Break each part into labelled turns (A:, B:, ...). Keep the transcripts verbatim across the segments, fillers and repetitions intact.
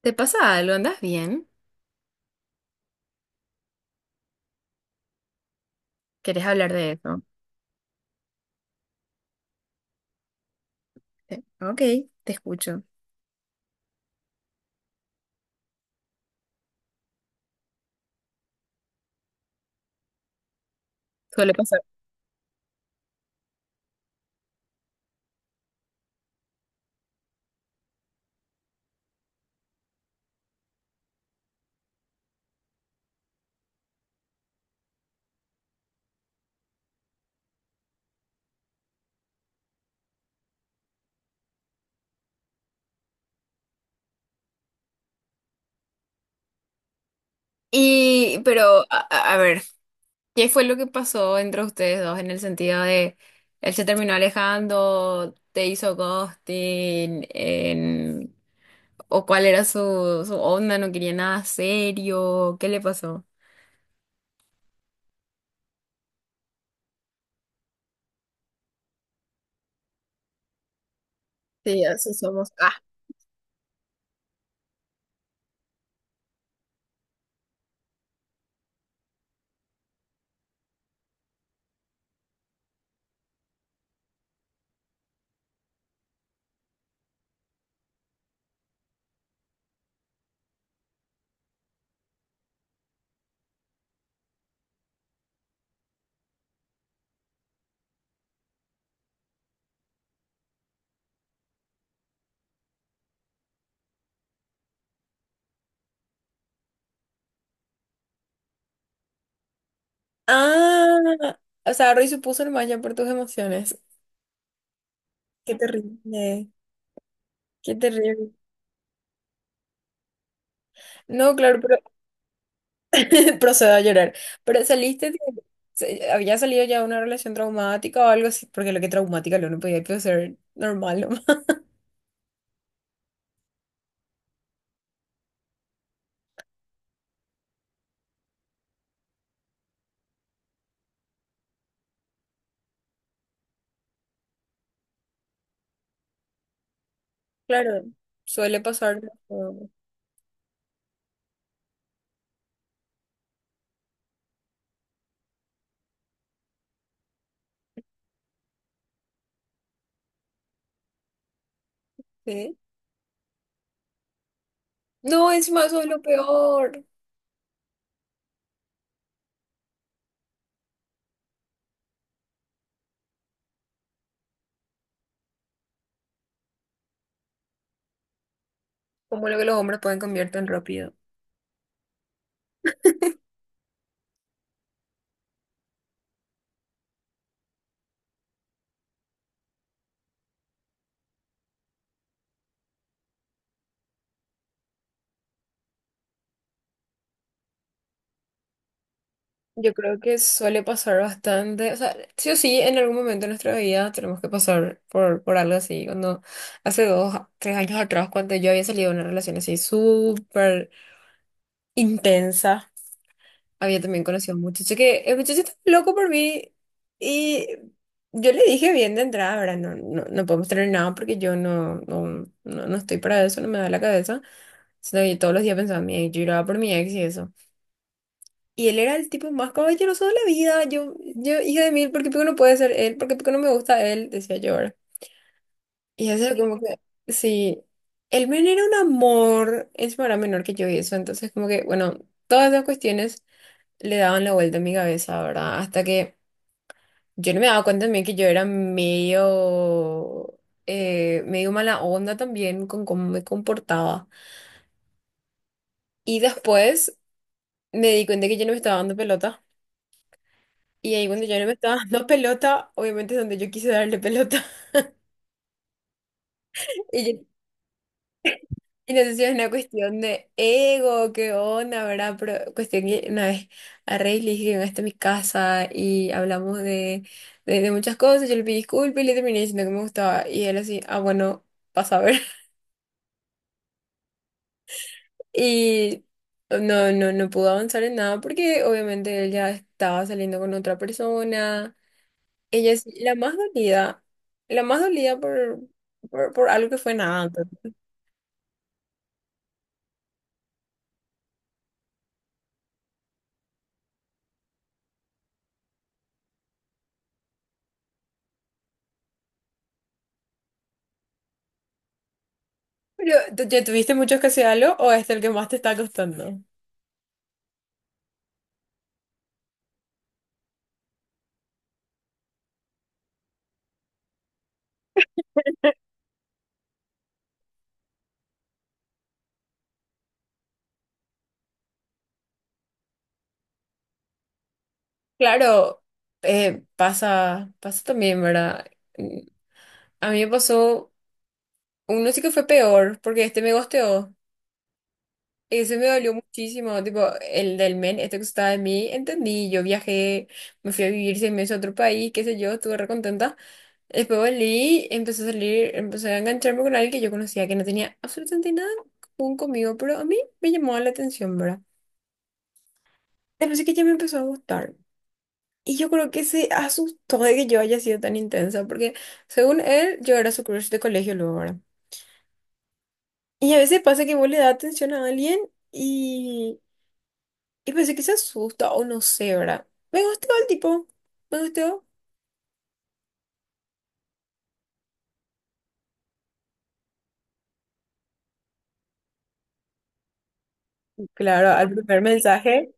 A: ¿Te pasa algo? ¿Andas bien? ¿Querés hablar de eso? Sí. Ok, te escucho. Suele pasar. Y, pero, a, a- a ver, ¿qué fue lo que pasó entre ustedes dos en el sentido de él se terminó alejando, te hizo ghosting, en- o cuál era su, su onda, no quería nada serio? ¿Qué le pasó? Sí, así somos. Ah. Ah, o sea, Roy supuso el malla por tus emociones. Qué terrible, qué terrible. No, claro, pero procedo a llorar. Pero saliste, de- se- había salido ya de una relación traumática o algo así, porque lo que traumática lo no podía pues, ser normal nomás. Claro, suele pasar. ¿No? ¿Sí? No, encima eso es lo peor. Como lo que los hombres pueden cambiar tan rápido. Yo creo que suele pasar bastante, o sea, sí o sí, en algún momento de nuestra vida tenemos que pasar por, por algo así. Cuando hace dos, tres años atrás, cuando yo había salido de una relación así súper intensa, había también conocido a un muchacho que el muchacho estaba loco por mí y yo le dije bien de entrada, ¿verdad? No, no, no podemos tener nada porque yo no, no, no, no estoy para eso, no me da la cabeza. Sino que todos los días pensaba en mi ex, yo lloraba por mi ex y eso. Y él era el tipo más caballeroso de la vida. Yo, yo, hija de mil, ¿por qué Pico no puede ser él? ¿Por qué Pico no me gusta él? Decía yo, ¿verdad? Y eso como que, sí, él men era un amor, encima era menor que yo y eso. Entonces como que, bueno, todas esas cuestiones le daban la vuelta a mi cabeza, ¿verdad? Hasta que yo no me daba cuenta también que yo era medio, eh, medio mala onda también con cómo me comportaba. Y después me di cuenta que yo no me estaba dando pelota. Y ahí cuando yo no me estaba dando pelota, obviamente es donde yo quise darle pelota. Y no sé si es una cuestión de ego, qué onda, ¿verdad? Pero cuestión que una vez a Rey le dije que venga hasta mi casa y hablamos de, de, de muchas cosas. Yo le pedí disculpas y le terminé diciendo que me gustaba. Y él así, ah, bueno, pasa a ver. Y no, no, no pudo avanzar en nada porque obviamente él ya estaba saliendo con otra persona. Ella es la más dolida, la más dolida por, por, por algo que fue nada antes. Pero, ¿tú- ¿ya tuviste muchos casi algo o es el que más te está costando? Claro, eh, pasa, pasa también, ¿verdad? Mm, A mí me pasó, uno sí que fue peor, porque este me gosteó. Ese me dolió muchísimo, tipo, el del men, este que estaba de mí, entendí, yo viajé, me fui a vivir seis meses a otro país, qué sé yo, estuve re contenta. Después volví, empecé a salir, empecé a engancharme con alguien que yo conocía, que no tenía absolutamente nada en común conmigo, pero a mí me llamó la atención, ¿verdad? Después sí que ya me empezó a gustar. Y yo creo que se asustó de que yo haya sido tan intensa, porque según él, yo era su crush de colegio luego, ¿verdad? Y a veces pasa que vos le das atención a alguien y, y pensé que se asusta o no sé, ¿verdad? Me gustó el tipo, me gustó. Claro, al primer mensaje.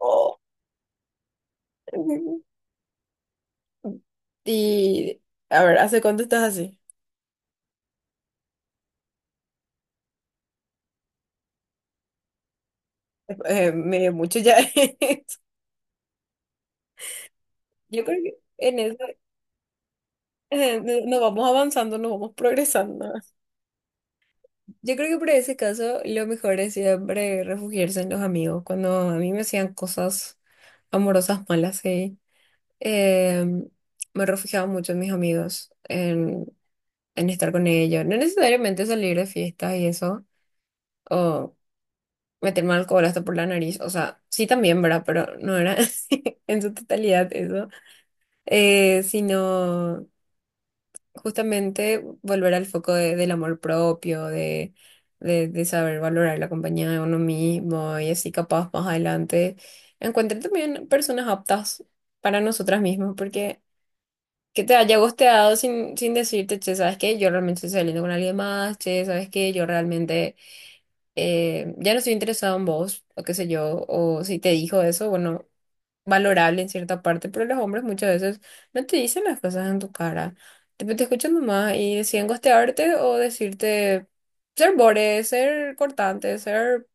A: Oh. Y a ver, ¿hace cuánto estás así? Eh, medio mucho ya es. Yo creo que en eso eh, no- nos vamos avanzando, nos vamos progresando. Yo creo que por ese caso lo mejor es siempre refugiarse en los amigos. Cuando a mí me hacían cosas amorosas malas, sí, eh, me refugiaba mucho en mis amigos, en, en estar con ellos. No necesariamente salir de fiestas y eso, o meterme alcohol hasta por la nariz. O sea, sí también, ¿verdad? Pero no era en su totalidad eso. Eh, sino... justamente volver al foco de- del amor propio, de, de, de saber valorar la compañía de uno mismo y así capaz más adelante encuentren también personas aptas para nosotras mismas, porque que te haya gosteado sin, sin, decirte, che, ¿sabes qué? Yo realmente estoy saliendo con alguien más, che, ¿sabes qué? Yo realmente eh, ya no estoy interesado en vos, o qué sé yo, o si te dijo eso, bueno, valorable en cierta parte, pero los hombres muchas veces no te dicen las cosas en tu cara. Tipo, te escuchan nomás y deciden gostearte o decirte ser bore, ser cortante, ser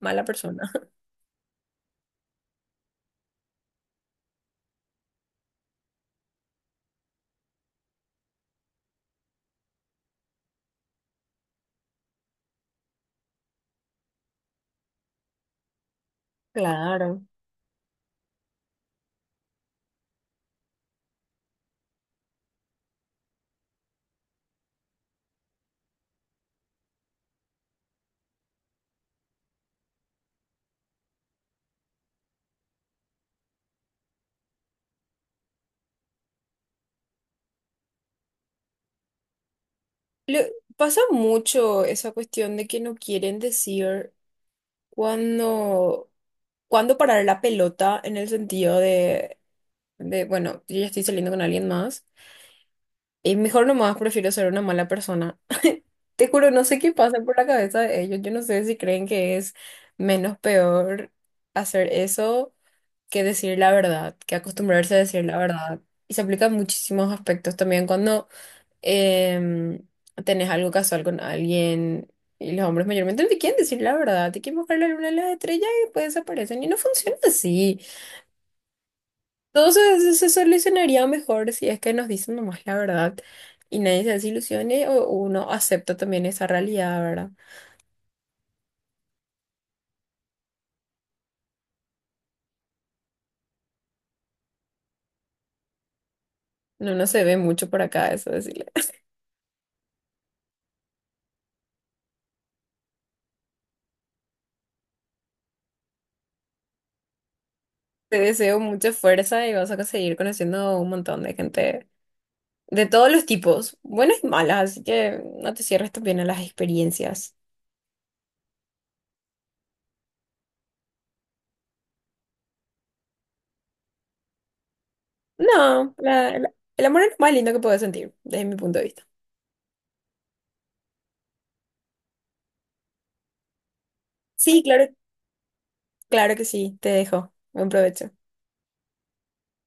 A: mala persona. Claro. Le- pasa mucho esa cuestión de que no quieren decir cuándo, cuándo parar la pelota en el sentido de, de, bueno, yo ya estoy saliendo con alguien más. Y mejor nomás prefiero ser una mala persona. Te juro, no sé qué pasa por la cabeza de ellos. Yo no sé si creen que es menos peor hacer eso que decir la verdad, que acostumbrarse a decir la verdad. Y se aplica en muchísimos aspectos también cuando em, tenés algo casual con alguien y los hombres mayormente no te quieren decir la verdad, te quieren mostrar la luna y las estrellas y después desaparecen. Y no funciona así. Todo se, se solucionaría mejor si es que nos dicen nomás la verdad y nadie se desilusione o uno acepta también esa realidad, ¿verdad? No, no se ve mucho por acá, eso decirle. Te deseo mucha fuerza y vas a seguir conociendo un montón de gente de todos los tipos, buenas y malas, así que no te cierres también a las experiencias. No, la- la- el amor es lo más lindo que puedes sentir, desde mi punto de vista. Sí, claro, claro que sí, te dejo. Buen provecho.